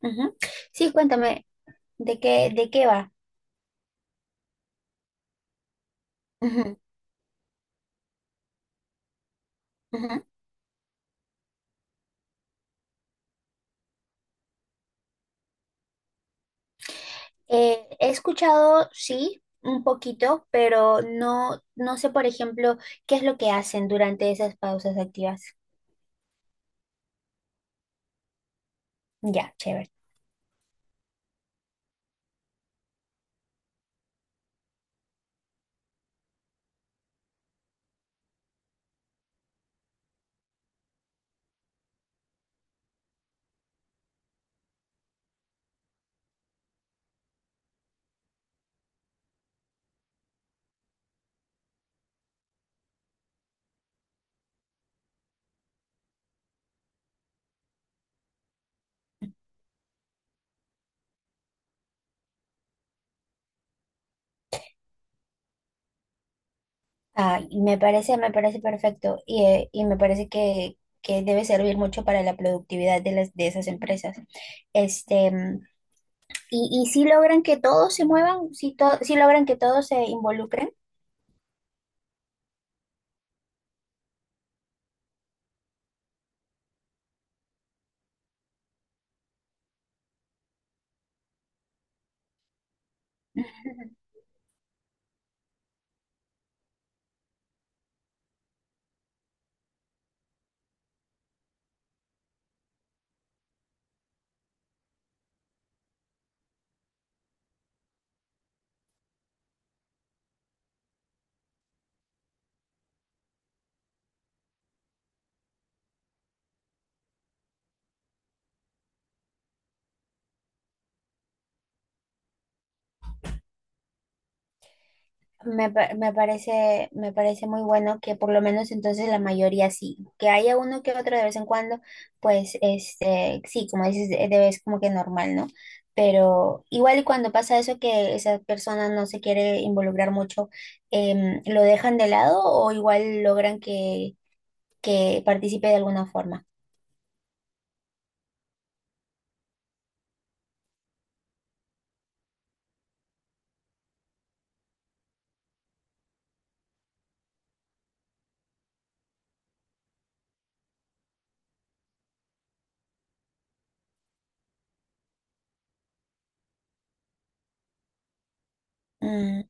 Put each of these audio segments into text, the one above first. Ujú. Sí, cuéntame, ¿de qué va? Ujú, ujú. He escuchado, sí, un poquito, pero no sé, por ejemplo, qué es lo que hacen durante esas pausas activas. Ya, chévere. Ah, y me parece perfecto y me parece que debe servir mucho para la productividad de de esas empresas. Este, mm, y si logran que todos se muevan, si logran que todos se involucren. Me parece muy bueno que por lo menos entonces la mayoría sí, que haya uno que otro de vez en cuando, pues sí, como dices, es como que normal, ¿no? Pero igual y cuando pasa eso que esa persona no se quiere involucrar mucho, ¿lo dejan de lado o igual logran que participe de alguna forma? Mm,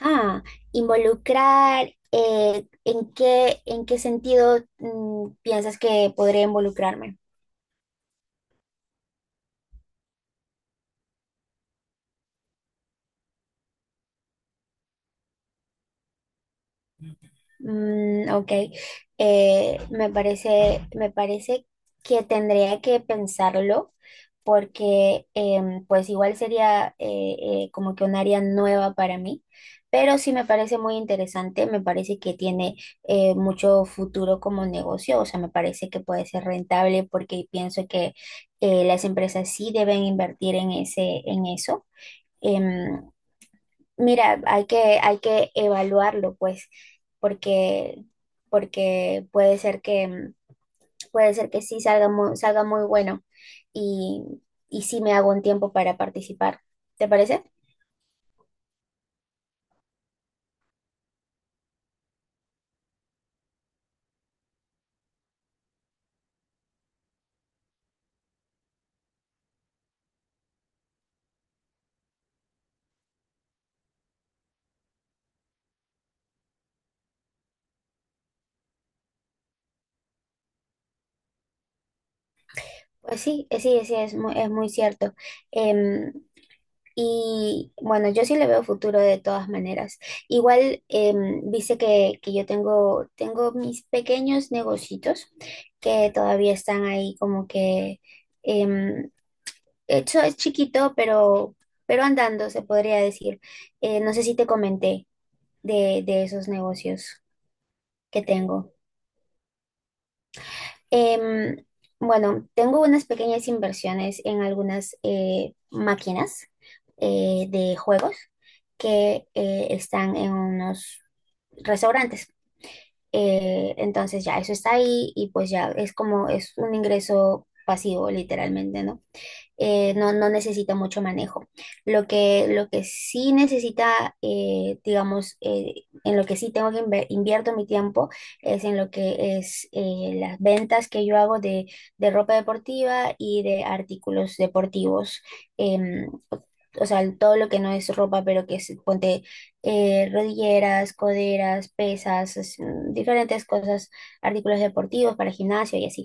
ah, involucrar, ¿en qué sentido, piensas que podría involucrarme? Mm, ok. Me parece que tendría que pensarlo porque pues igual sería como que un área nueva para mí, pero sí me parece muy interesante, me parece que tiene mucho futuro como negocio, o sea, me parece que puede ser rentable porque pienso que las empresas sí deben invertir en en eso. Em, Mira, hay que evaluarlo, pues, porque, porque puede ser puede ser que sí salga muy bueno y, y sí me hago un tiempo para participar. ¿Te parece? Pues sí, sí, es muy cierto. Em, y bueno, yo sí le veo futuro de todas maneras. Igual, viste que yo tengo mis pequeños negocitos que todavía están ahí como que... em, Eso es chiquito, pero andando, se podría decir. No sé si te comenté de esos negocios que tengo. Em, bueno, tengo unas pequeñas inversiones en algunas máquinas de juegos que están en unos restaurantes. Entonces ya eso está ahí y pues ya es un ingreso pasivo, literalmente, ¿no? No necesita mucho manejo. Lo que sí necesita, en lo que sí tengo que invierto mi tiempo es en lo que es las ventas que yo hago de ropa deportiva y de artículos deportivos. Em, o sea, todo lo que no es ropa, pero que es, ponte, rodilleras, coderas, pesas, diferentes cosas, artículos deportivos para gimnasio y así.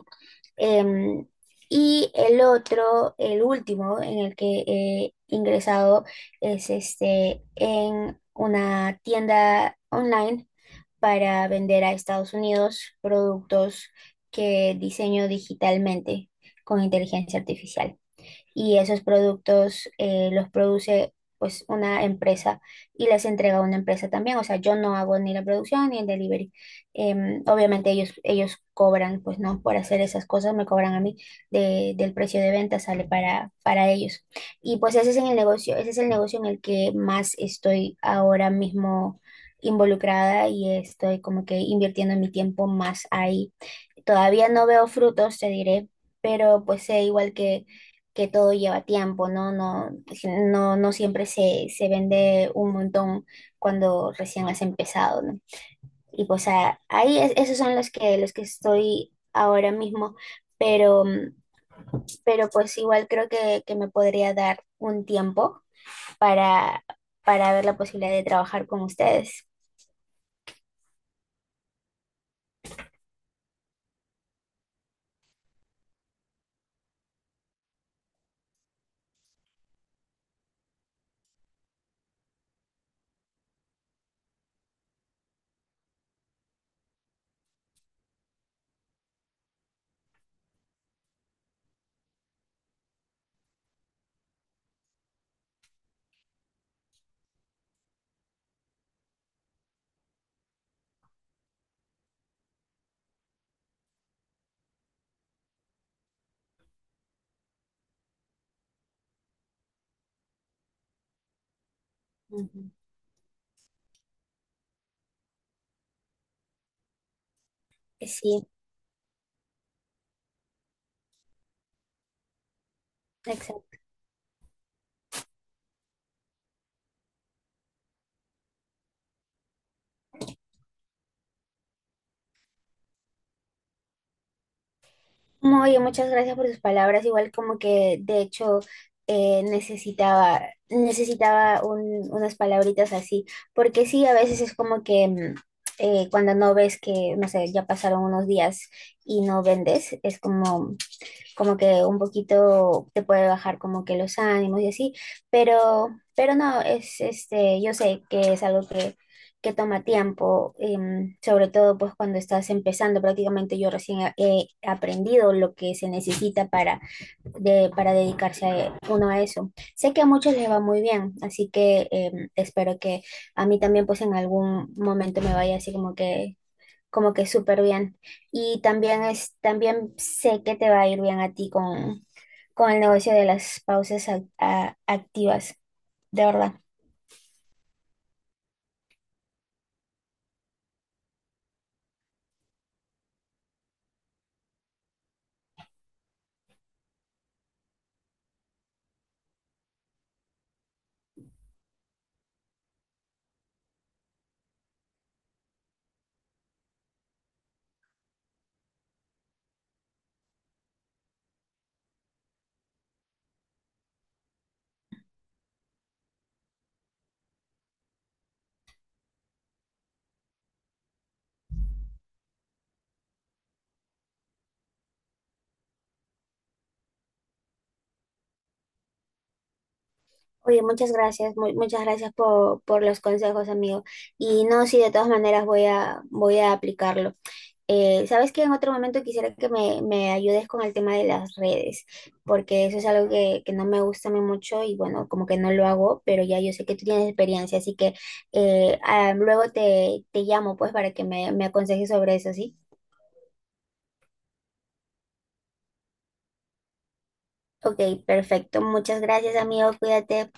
Em, y el otro, el último en el que he ingresado es en una tienda online para vender a Estados Unidos productos que diseño digitalmente con inteligencia artificial y esos productos los produce pues una empresa y les entrega a una empresa también. O sea, yo no hago ni la producción ni el delivery. Obviamente ellos cobran, pues no, por hacer esas cosas me cobran a mí del precio de venta, sale para ellos. Y pues ese es el negocio en el que más estoy ahora mismo involucrada y estoy como que invirtiendo mi tiempo más ahí. Todavía no veo frutos, te diré, pero pues sé igual que todo lleva tiempo, ¿no? No, pues, no siempre se vende un montón cuando recién has empezado, ¿no? Y pues esos son los que estoy ahora mismo, pero, pero pues igual creo que me podría dar un tiempo para, para ver la posibilidad de trabajar con ustedes. Ujú. Sí, exacto. No, oye, muchas gracias por sus palabras. Igual como que de hecho eh, necesitaba, necesitaba unas palabritas así, porque sí, a veces es como que cuando no ves que, no sé, ya pasaron unos días y no vendes, es como que un poquito te puede bajar como que los ánimos y así, pero, pero no, yo sé que es algo que toma tiempo, sobre todo pues cuando estás empezando, prácticamente yo recién he aprendido lo que se necesita para dedicarse uno a eso. Sé que a muchos les va muy bien, así que espero que a mí también pues en algún momento me vaya así como que súper bien. Y también también sé que te va a ir bien a ti con el negocio de las pausas activas, de verdad. Oye, muchas gracias, muchas gracias por los consejos, amigo. Y no, sí, de todas maneras voy a aplicarlo. Sabes que en otro momento quisiera que me ayudes con el tema de las redes, porque eso es algo que no me gusta a mí mucho y bueno, como que no lo hago, pero ya yo sé que tú tienes experiencia, así que luego te llamo pues para que me aconsejes sobre eso, ¿sí? Ok, perfecto. Muchas gracias, amigo. Cuídate.